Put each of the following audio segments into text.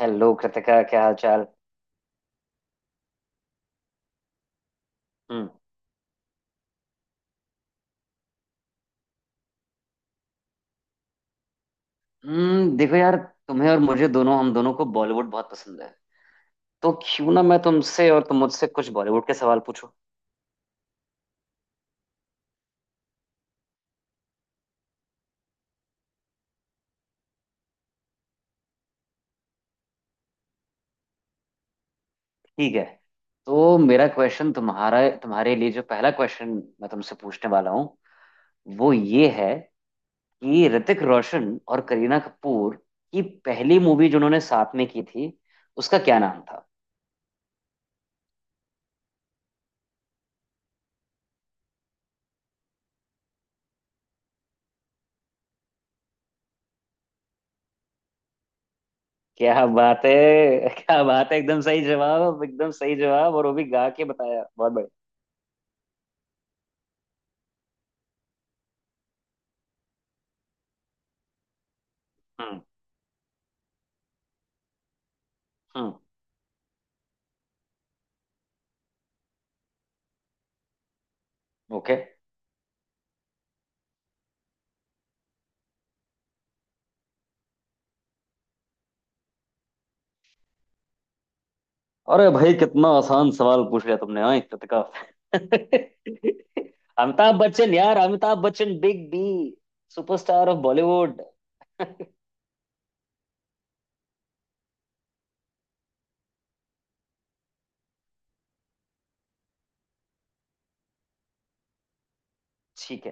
Hello Kritika, क्या हाल चाल। हम्म देखो यार, तुम्हें और मुझे दोनों, हम दोनों को बॉलीवुड बहुत पसंद है। तो क्यों ना मैं तुमसे और तुम मुझसे कुछ बॉलीवुड के सवाल पूछो। ठीक है, तो मेरा क्वेश्चन तुम्हारा तुम्हारे लिए जो पहला क्वेश्चन मैं तुमसे पूछने वाला हूँ वो ये है कि ऋतिक रोशन और करीना कपूर की पहली मूवी जो उन्होंने साथ में की थी, उसका क्या नाम था। क्या बात है। क्या बात है, एकदम सही जवाब, एकदम सही जवाब, और वो भी गा के बताया, बहुत बढ़िया। हम्म। हम्म। ओके। अरे भाई, कितना आसान सवाल पूछ लिया तुमने, हाँ, इज्जत का। अमिताभ बच्चन यार, Amitabh Bachchan, big B, superstar of Bollywood. ठीक है।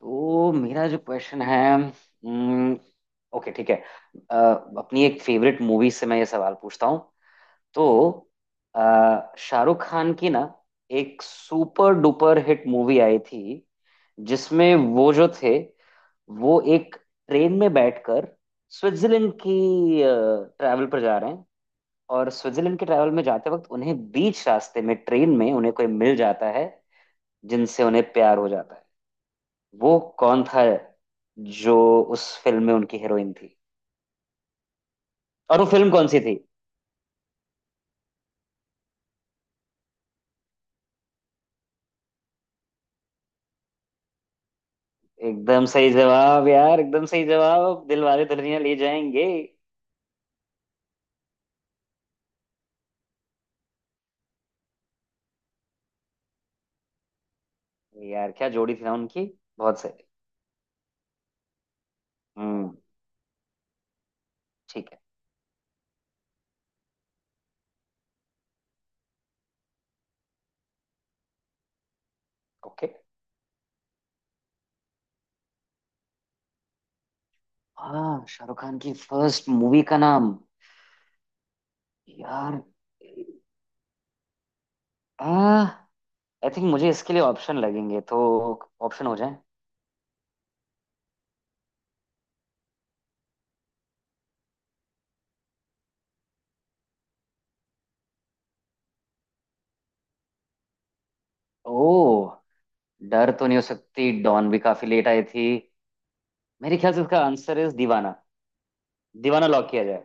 तो मेरा जो क्वेश्चन है ओके, ठीक है। अ, अपनी एक फेवरेट मूवी से मैं ये सवाल पूछता हूँ। तो शाहरुख खान की ना एक सुपर डुपर हिट मूवी आई थी, जिसमें वो जो थे, वो एक ट्रेन में बैठकर स्विट्जरलैंड की ट्रैवल पर जा रहे हैं। और स्विट्जरलैंड के ट्रैवल में जाते वक्त उन्हें बीच रास्ते में ट्रेन में उन्हें कोई मिल जाता है, जिनसे उन्हें प्यार हो जाता है। वो कौन था जो उस फिल्म में उनकी हीरोइन थी, और वो फिल्म कौन सी थी। एकदम सही जवाब यार, एकदम सही जवाब, दिलवाले दुल्हनिया ले जाएंगे। यार, क्या जोड़ी थी ना उनकी, बहुत सही। हम्म। ठीक है। ओके। हाँ, शाहरुख खान की फर्स्ट मूवी का नाम, यार, आ आई थिंक मुझे इसके लिए ऑप्शन लगेंगे, तो ऑप्शन हो जाए। ओ, डर तो नहीं हो सकती, डॉन भी काफी लेट आई थी, मेरे ख्याल से इसका आंसर इज दीवाना। दीवाना लॉक किया जाए।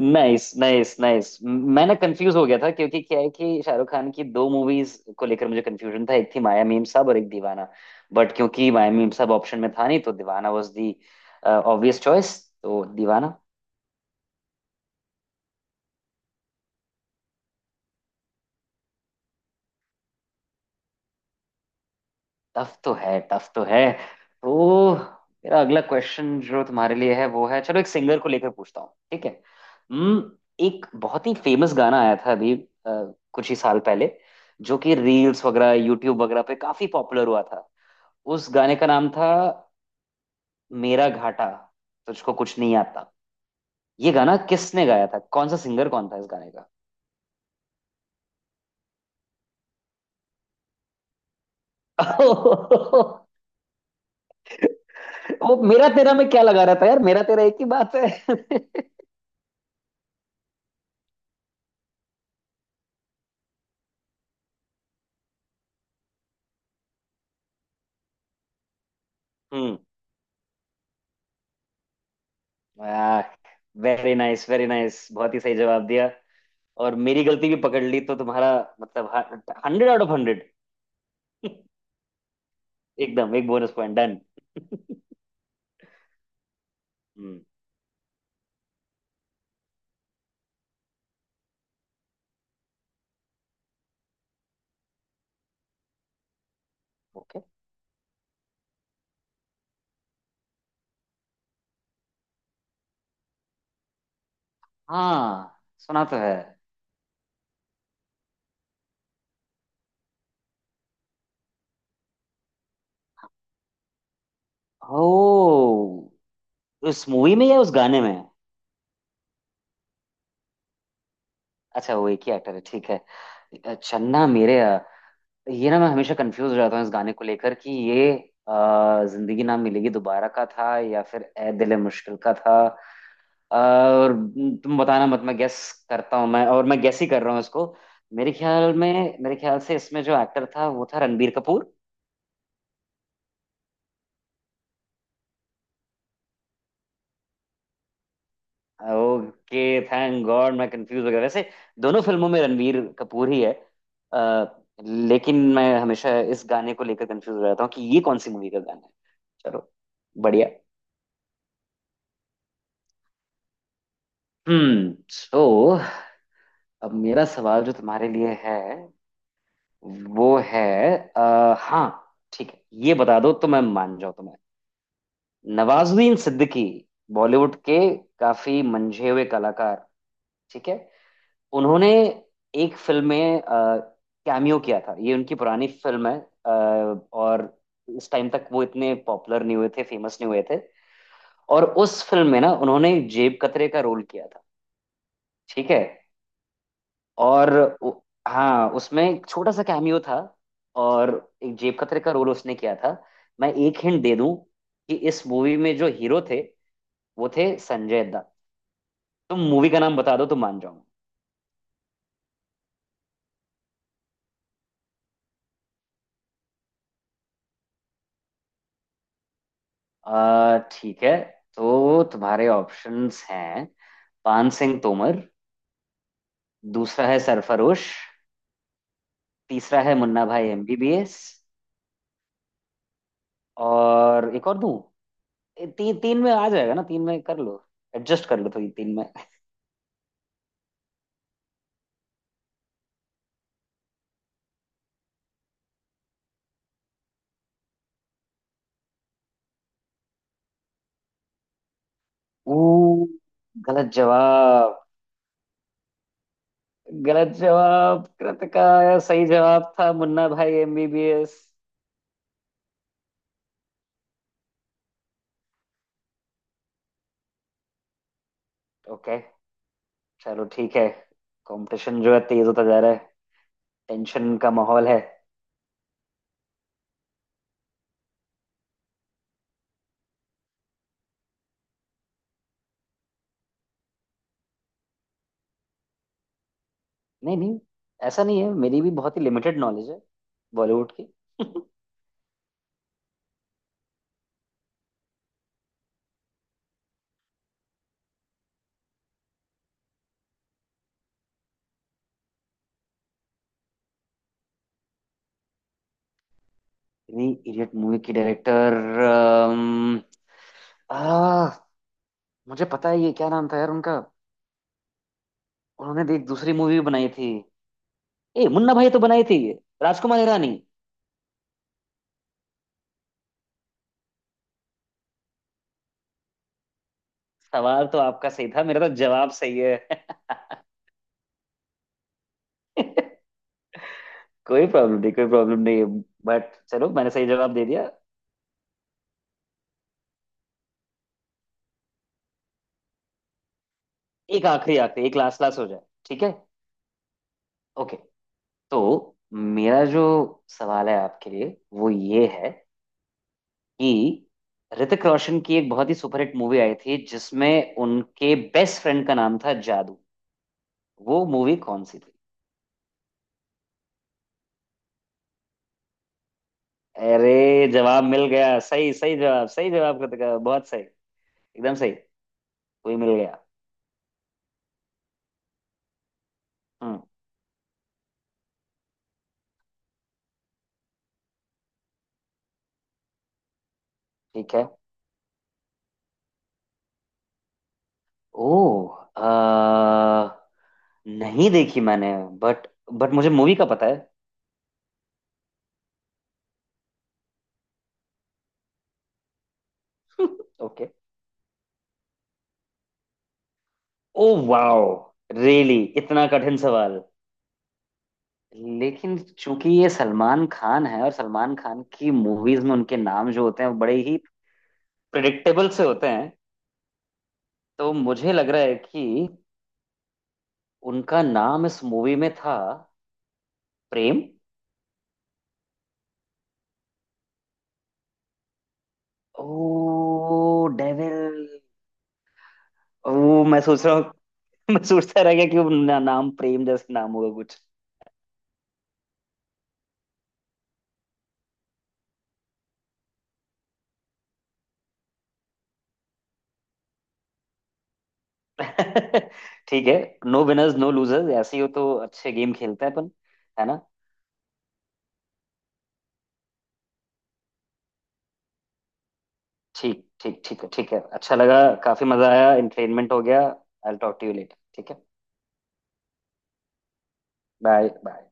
नाइस नाइस नाइस, मैं ना कंफ्यूज हो गया था, क्योंकि क्या है कि शाहरुख खान की दो मूवीज को लेकर मुझे कंफ्यूजन था, एक थी माया मीम साहब और एक दीवाना। बट क्योंकि माया मीम साहब ऑप्शन में था नहीं, तो Deewana was the obvious choice. तो दीवाना। टफ तो है, टफ तो है। तो मेरा अगला क्वेश्चन जो तुम्हारे लिए है वो है, चलो एक सिंगर को लेकर पूछता हूँ, ठीक है। हम्म। एक बहुत ही फेमस गाना आया था अभी, कुछ ही साल पहले, जो कि रील्स वगैरह, यूट्यूब वगैरह पे काफी पॉपुलर हुआ था। उस गाने का नाम था मेरा घाटा, तुझको कुछ नहीं आता। ये गाना किसने गाया था, कौन सा सिंगर कौन था इस गाने का। वो मेरा तेरा में क्या लगा रहा था यार, मेरा तेरा एक ही बात है। हम्म। वाह। वेरी नाइस, वेरी नाइस, बहुत ही सही जवाब दिया, और मेरी गलती भी पकड़ ली, तो तुम्हारा मतलब हंड्रेड आउट ऑफ हंड्रेड। एकदम, एक bonus point done. Hmm. Okay. हाँ, सुना तो है। ओ, उस मूवी में या उस गाने में। अच्छा, वो एक ही एक्टर है, ठीक है। चन्ना मेरेया, ये ना मैं हमेशा कंफ्यूज रहता हूँ इस गाने को लेकर कि ये अ, जिंदगी ना मिलेगी दोबारा का था या फिर ए दिल मुश्किल का था। और तुम बताना मत, मैं गेस करता हूँ, मैं, और मैं गेस ही कर रहा हूँ इसको। मेरे ख्याल से इसमें जो एक्टर था वो था Ranbir Kapoor. Okay, thank God, मैं कंफ्यूज हो गया वैसे, दोनों फिल्मों में रणबीर कपूर ही है। लेकिन मैं हमेशा इस गाने को लेकर कंफ्यूज रहता हूँ कि ये कौन सी मूवी का गाना है। चलो, बढ़िया। सो, अब मेरा सवाल जो तुम्हारे लिए है वो है हाँ ठीक है, ये बता दो तो मैं मान जाऊँ तुम्हें। नवाजुद्दीन सिद्दीकी, बॉलीवुड के काफी मंझे हुए कलाकार, ठीक है। उन्होंने एक फिल्म में कैमियो किया था, ये उनकी पुरानी फिल्म है। अ, और इस टाइम तक वो इतने पॉपुलर नहीं हुए थे, फेमस नहीं हुए थे। और उस फिल्म में ना उन्होंने जेब कतरे का रोल किया था, ठीक है। और उ- हाँ, उसमें एक छोटा सा कैमियो था, और एक जेब कतरे का रोल उसने किया था। मैं एक हिंट दे दूं कि इस मूवी में जो हीरो थे वो थे संजय दत्त। तुम मूवी का नाम बता दो तो मान जाऊंगा। आ ठीक है, तो तुम्हारे ऑप्शंस हैं, पान सिंह तोमर, दूसरा है सरफरोश, तीसरा है मुन्ना भाई एमबीबीएस, और एक और दूं। तीन में आ जाएगा ना, तीन में कर लो, एडजस्ट कर लो थोड़ी तीन में। ऊ, गलत जवाब। गलत जवाब कृत का, सही जवाब था मुन्ना भाई एमबीबीएस। ओके, चलो ठीक है। कंपटीशन जो है तेज होता जा रहा है, टेंशन का माहौल है। नहीं नहीं, ऐसा नहीं है, मेरी भी बहुत ही लिमिटेड नॉलेज है बॉलीवुड की। थ्री इडियट मूवी की डायरेक्टर, आ, मुझे पता है, ये क्या नाम था यार उनका, उन्होंने भी एक दूसरी मूवी बनाई थी, ए मुन्ना भाई तो बनाई थी, राजकुमार हिरानी। सवाल तो आपका सही था, मेरा तो जवाब सही है। कोई प्रॉब्लम नहीं, कोई प्रॉब्लम नहीं, बट चलो, मैंने सही जवाब दे दिया। एक आखिरी, आखिरी, एक लास्ट लास्ट हो जाए, ठीक है। ओके, तो मेरा जो सवाल है आपके लिए वो ये है कि ऋतिक रोशन की एक बहुत ही सुपरहिट मूवी आई थी जिसमें उनके बेस्ट फ्रेंड का नाम था जादू, वो मूवी कौन सी थी। अरे, जवाब मिल गया, सही सही जवाब, सही जवाब कृतिका, बहुत सही, एकदम सही। कोई मिल गया। हम्म। ठीक है। ओ, नहीं देखी मैंने, बट बट मुझे मूवी का पता है। ओके। ओ वाओ, रियली, इतना कठिन सवाल। लेकिन चूंकि ये सलमान खान है, और सलमान खान की मूवीज में उनके नाम जो होते हैं वो बड़े ही प्रिडिक्टेबल से होते हैं, तो मुझे लग रहा है कि उनका नाम इस मूवी में था प्रेम। ओ, डेविल। ओ, मैं सोच रहा हूँ। मैं सोचता रह गया कि वो ना, नाम प्रेम जैसे नाम होगा। ठीक है। नो विनर्स नो लूजर्स, ऐसे ही हो तो अच्छे गेम खेलते हैं अपन, है ना। ठीक, ठीक, ठीक है, ठीक है, अच्छा लगा। काफी मजा आया, एंटरटेनमेंट हो गया, I will talk to you later, ठीक है। Bye bye.